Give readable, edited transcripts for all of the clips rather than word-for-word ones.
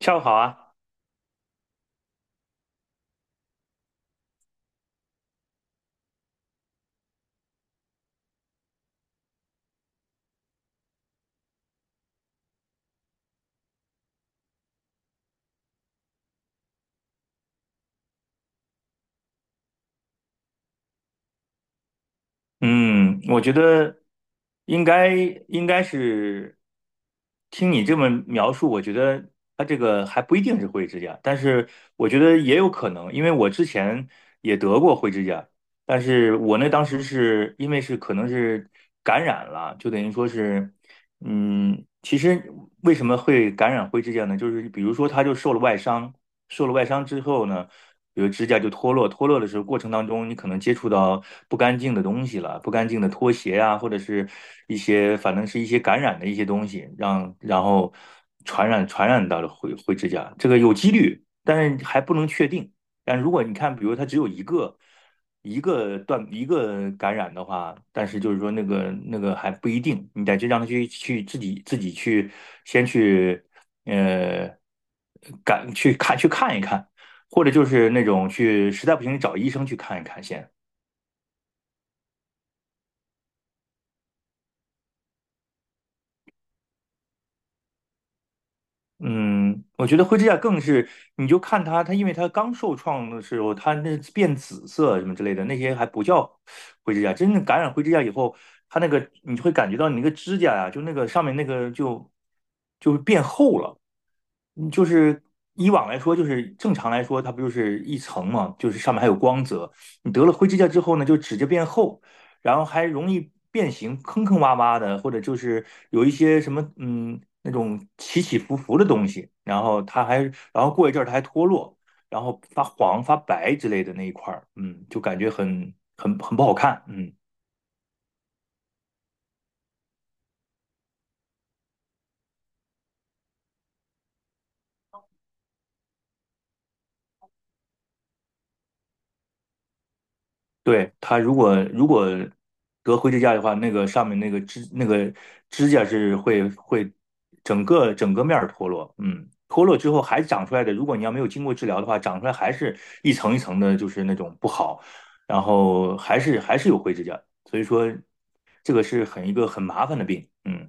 下午好啊，嗯，我觉得应该应该是听你这么描述，我觉得他这个还不一定是灰指甲，但是我觉得也有可能，因为我之前也得过灰指甲，但是我那当时是因为是可能是感染了，就等于说是。其实为什么会感染灰指甲呢？就是比如说，它就受了外伤，受了外伤之后呢，比如指甲就脱落，脱落的时候过程当中，你可能接触到不干净的东西了，不干净的拖鞋啊，或者是一些反正是一些感染的一些东西，然后传染到了灰指甲，这个有几率，但是还不能确定。但如果你看，比如它只有一个。一个断一个感染的话，但是就是说那个还不一定，你得去让他去自己自己去呃感去看一看，或者就是那种去实在不行找医生去看一看先。嗯，我觉得灰指甲更是，你就看它，它因为它刚受创的时候，它那变紫色什么之类的，那些还不叫灰指甲。真正感染灰指甲以后，它那个你会感觉到你那个指甲呀、就那个上面那个就变厚了。就是以往来说，就是正常来说，它不就是一层嘛，就是上面还有光泽。你得了灰指甲之后呢，就指甲变厚，然后还容易变形，坑坑洼洼的，或者就是有一些什么那种起起伏伏的东西，然后它还然后过一阵儿它还脱落，然后发黄发白之类的那一块儿，就感觉很不好看。对，它如果得灰指甲的话，那个上面那个指甲是会整个整个面儿脱落，嗯，脱落之后还长出来的，如果你要没有经过治疗的话，长出来还是一层一层的，就是那种不好，然后还是有灰指甲，所以说这个是一个很麻烦的病，嗯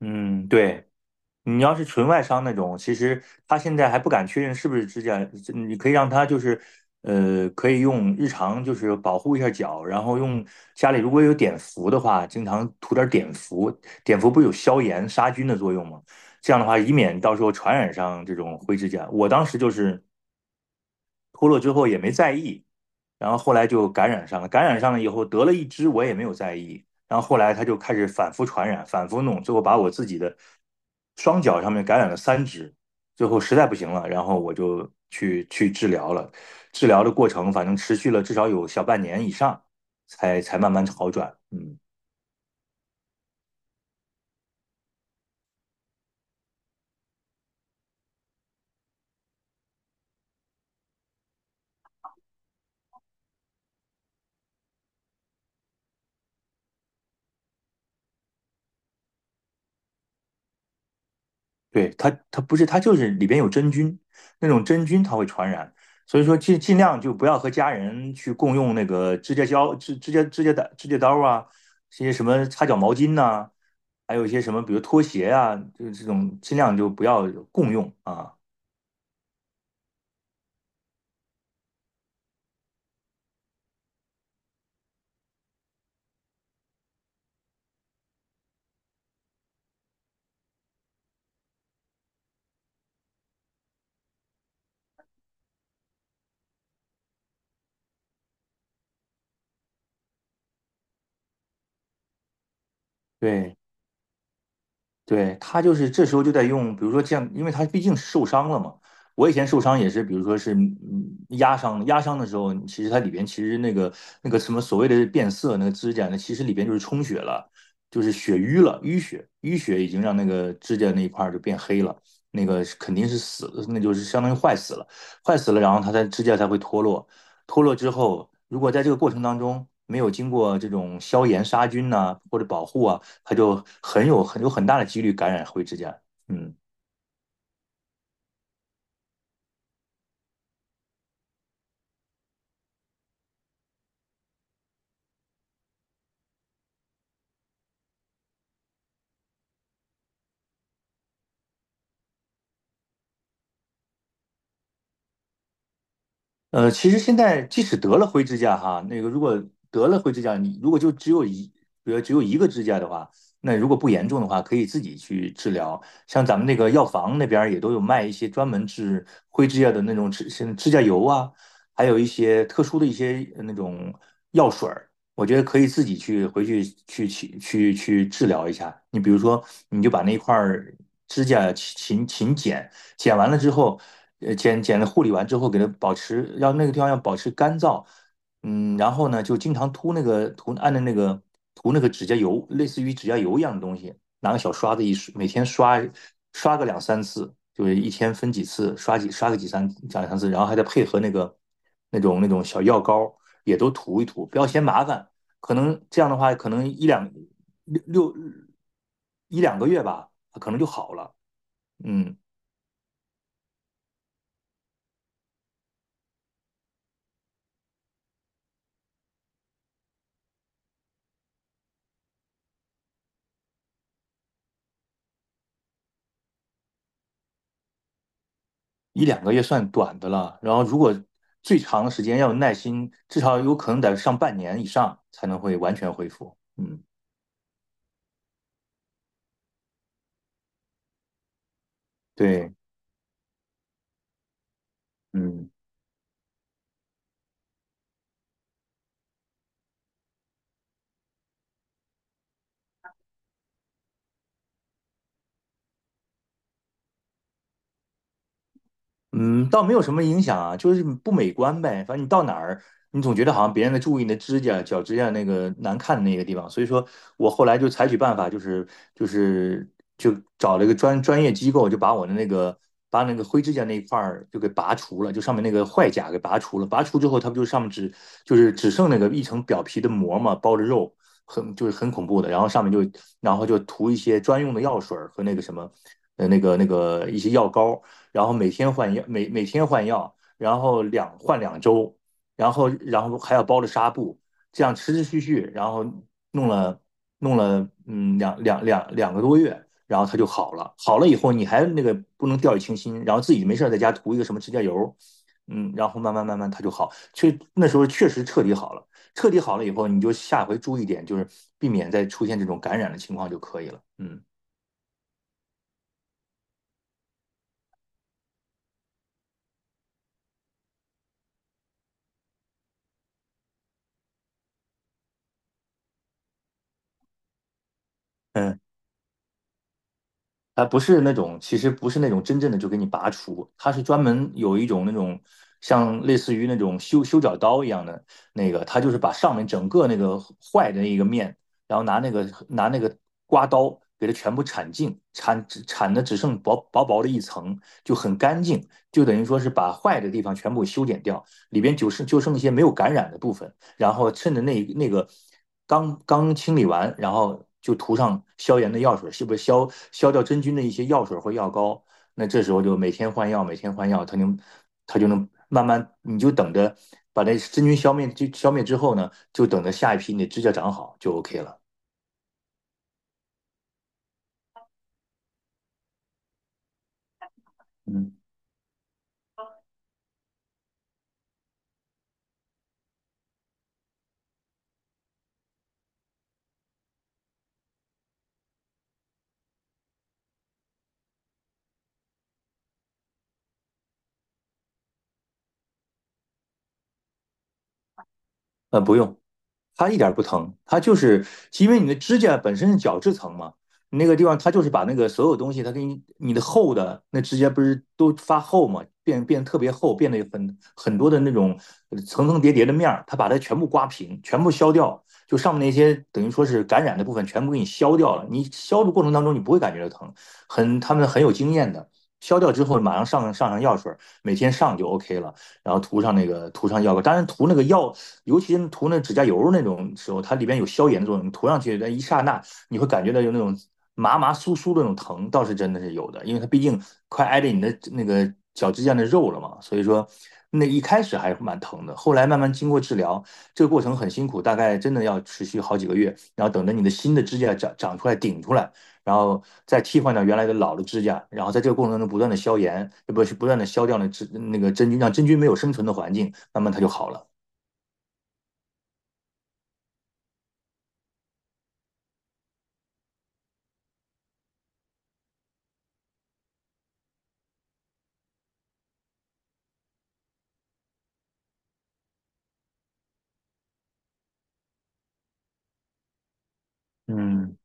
嗯，对。你要是纯外伤那种，其实他现在还不敢确认是不是指甲，你可以让他就是，可以用日常就是保护一下脚，然后用家里如果有碘伏的话，经常涂点碘伏，碘伏不是有消炎杀菌的作用吗？这样的话，以免到时候传染上这种灰指甲。我当时就是脱落之后也没在意，然后后来就感染上了，感染上了以后得了一只，我也没有在意，然后后来他就开始反复传染，反复弄，最后把我自己的双脚上面感染了3只，最后实在不行了，然后我就去治疗了，治疗的过程反正持续了至少有小半年以上，才慢慢好转。对，它不是，它就是里边有真菌，那种真菌它会传染，所以说尽量就不要和家人去共用那个指甲胶、指甲刀啊，这些什么擦脚毛巾呐、还有一些什么，比如拖鞋啊，就是这种尽量就不要共用啊。对，对，他就是这时候就在用，比如说这样，因为他毕竟受伤了嘛。我以前受伤也是，比如说是压伤，的时候，其实它里边其实那个什么所谓的变色那个指甲呢，其实里边就是充血了，就是血瘀了，淤血已经让那个指甲那一块儿就变黑了，那个是肯定是死了，那就是相当于坏死了，然后指甲才会脱落。脱落之后，如果在这个过程当中没有经过这种消炎杀菌呐、或者保护啊，它就很大的几率感染灰指甲。嗯。其实现在即使得了灰指甲哈，那个如果得了灰指甲，你如果就只有一，比如只有一个指甲的话，那如果不严重的话，可以自己去治疗。像咱们那个药房那边儿也都有卖一些专门治灰指甲的那种像指甲油啊，还有一些特殊的一些那种药水儿，我觉得可以自己回去治疗一下。你比如说，你就把那一块儿指甲勤剪。剪完了之后，剪了护理完之后，给它保持，要那个地方要保持干燥，然后呢，就经常涂那个涂按着那个涂那个指甲油，类似于指甲油一样的东西，拿个小刷子一刷，每天刷个两三次，就是一天分几次，刷个三两三次，然后还得配合那个那种小药膏，也都涂一涂，不要嫌麻烦，可能这样的话，可能六六一两个月吧，可能就好了，嗯。一两个月算短的了，然后如果最长的时间要有耐心，至少有可能得上半年以上才能会完全恢复。嗯，对，嗯。嗯，倒没有什么影响啊，就是不美观呗。反正你到哪儿，你总觉得好像别人在注意你的指甲、脚指甲那个难看的那个地方。所以说我后来就采取办法，就是就找了一个专业机构，就把我的那个把那个灰指甲那一块儿就给拔除了，就上面那个坏甲给拔除了。拔除之后，它不就上面只就是只剩那个一层表皮的膜嘛，包着肉，很就是很恐怖的。然后上面就然后就涂一些专用的药水儿和那个什么那个一些药膏。然后每天换药，每天换药，然后2周，然后还要包着纱布，这样持持续续，然后弄了弄了两个多月，然后他就好了。好了以后，你还那个不能掉以轻心，然后自己没事在家涂一个什么指甲油，然后慢慢慢慢他就好。那时候确实彻底好了，彻底好了以后，你就下回注意点，就是避免再出现这种感染的情况就可以了。嗯嗯。它不是那种，其实不是那种真正的就给你拔除，它是专门有一种那种像类似于那种修脚刀一样的那个，它就是把上面整个那个坏的那一个面，然后拿那个刮刀给它全部铲净，铲的只剩薄薄的一层，就很干净，就等于说是把坏的地方全部修剪掉，里边就剩一些没有感染的部分。然后趁着那个刚刚清理完，然后就涂上消炎的药水，是不是消掉真菌的一些药水或药膏？那这时候就每天换药，每天换药，它就能慢慢，你就等着把那真菌消灭，就消灭之后呢，就等着下一批你的指甲长好就 OK 了。嗯。不用，它一点儿不疼，它就是因为你的指甲本身是角质层嘛，你那个地方它就是把那个所有东西，它给你你的厚的那指甲不是都发厚嘛，变得特别厚，变得有很多的那种层层叠叠的面儿，它把它全部刮平，全部削掉，就上面那些等于说是感染的部分全部给你削掉了。你削的过程当中你不会感觉到疼，他们很有经验的，削掉之后马上上药水儿，每天上就 OK 了。然后涂上药膏。当然涂那个药，尤其涂那指甲油那种时候，它里边有消炎的作用，你涂上去那一刹那，你会感觉到有那种麻麻酥酥的那种疼，倒是真的是有的，因为它毕竟快挨着你的那个脚指甲的肉了嘛，所以说那一开始还蛮疼的，后来慢慢经过治疗，这个过程很辛苦，大概真的要持续好几个月，然后等着你的新的指甲长出来顶出来。然后再替换掉原来的老的指甲，然后在这个过程中不断的消炎，不是不断的消掉那个真菌，让真菌没有生存的环境，慢慢它就好了。嗯，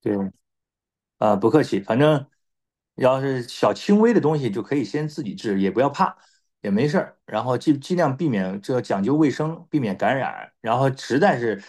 对，不客气，反正要是小轻微的东西就可以先自己治，也不要怕，也没事儿。然后尽量避免，这讲究卫生，避免感染。然后实在是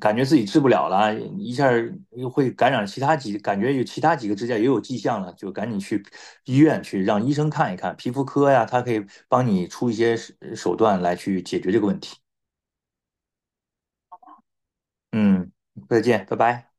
感觉自己治不了了，一下儿又会感染其他几，感觉有其他几个指甲也有迹象了，就赶紧去医院去让医生看一看，皮肤科呀，他可以帮你出一些段来去解决这个问题。嗯，再见，拜拜。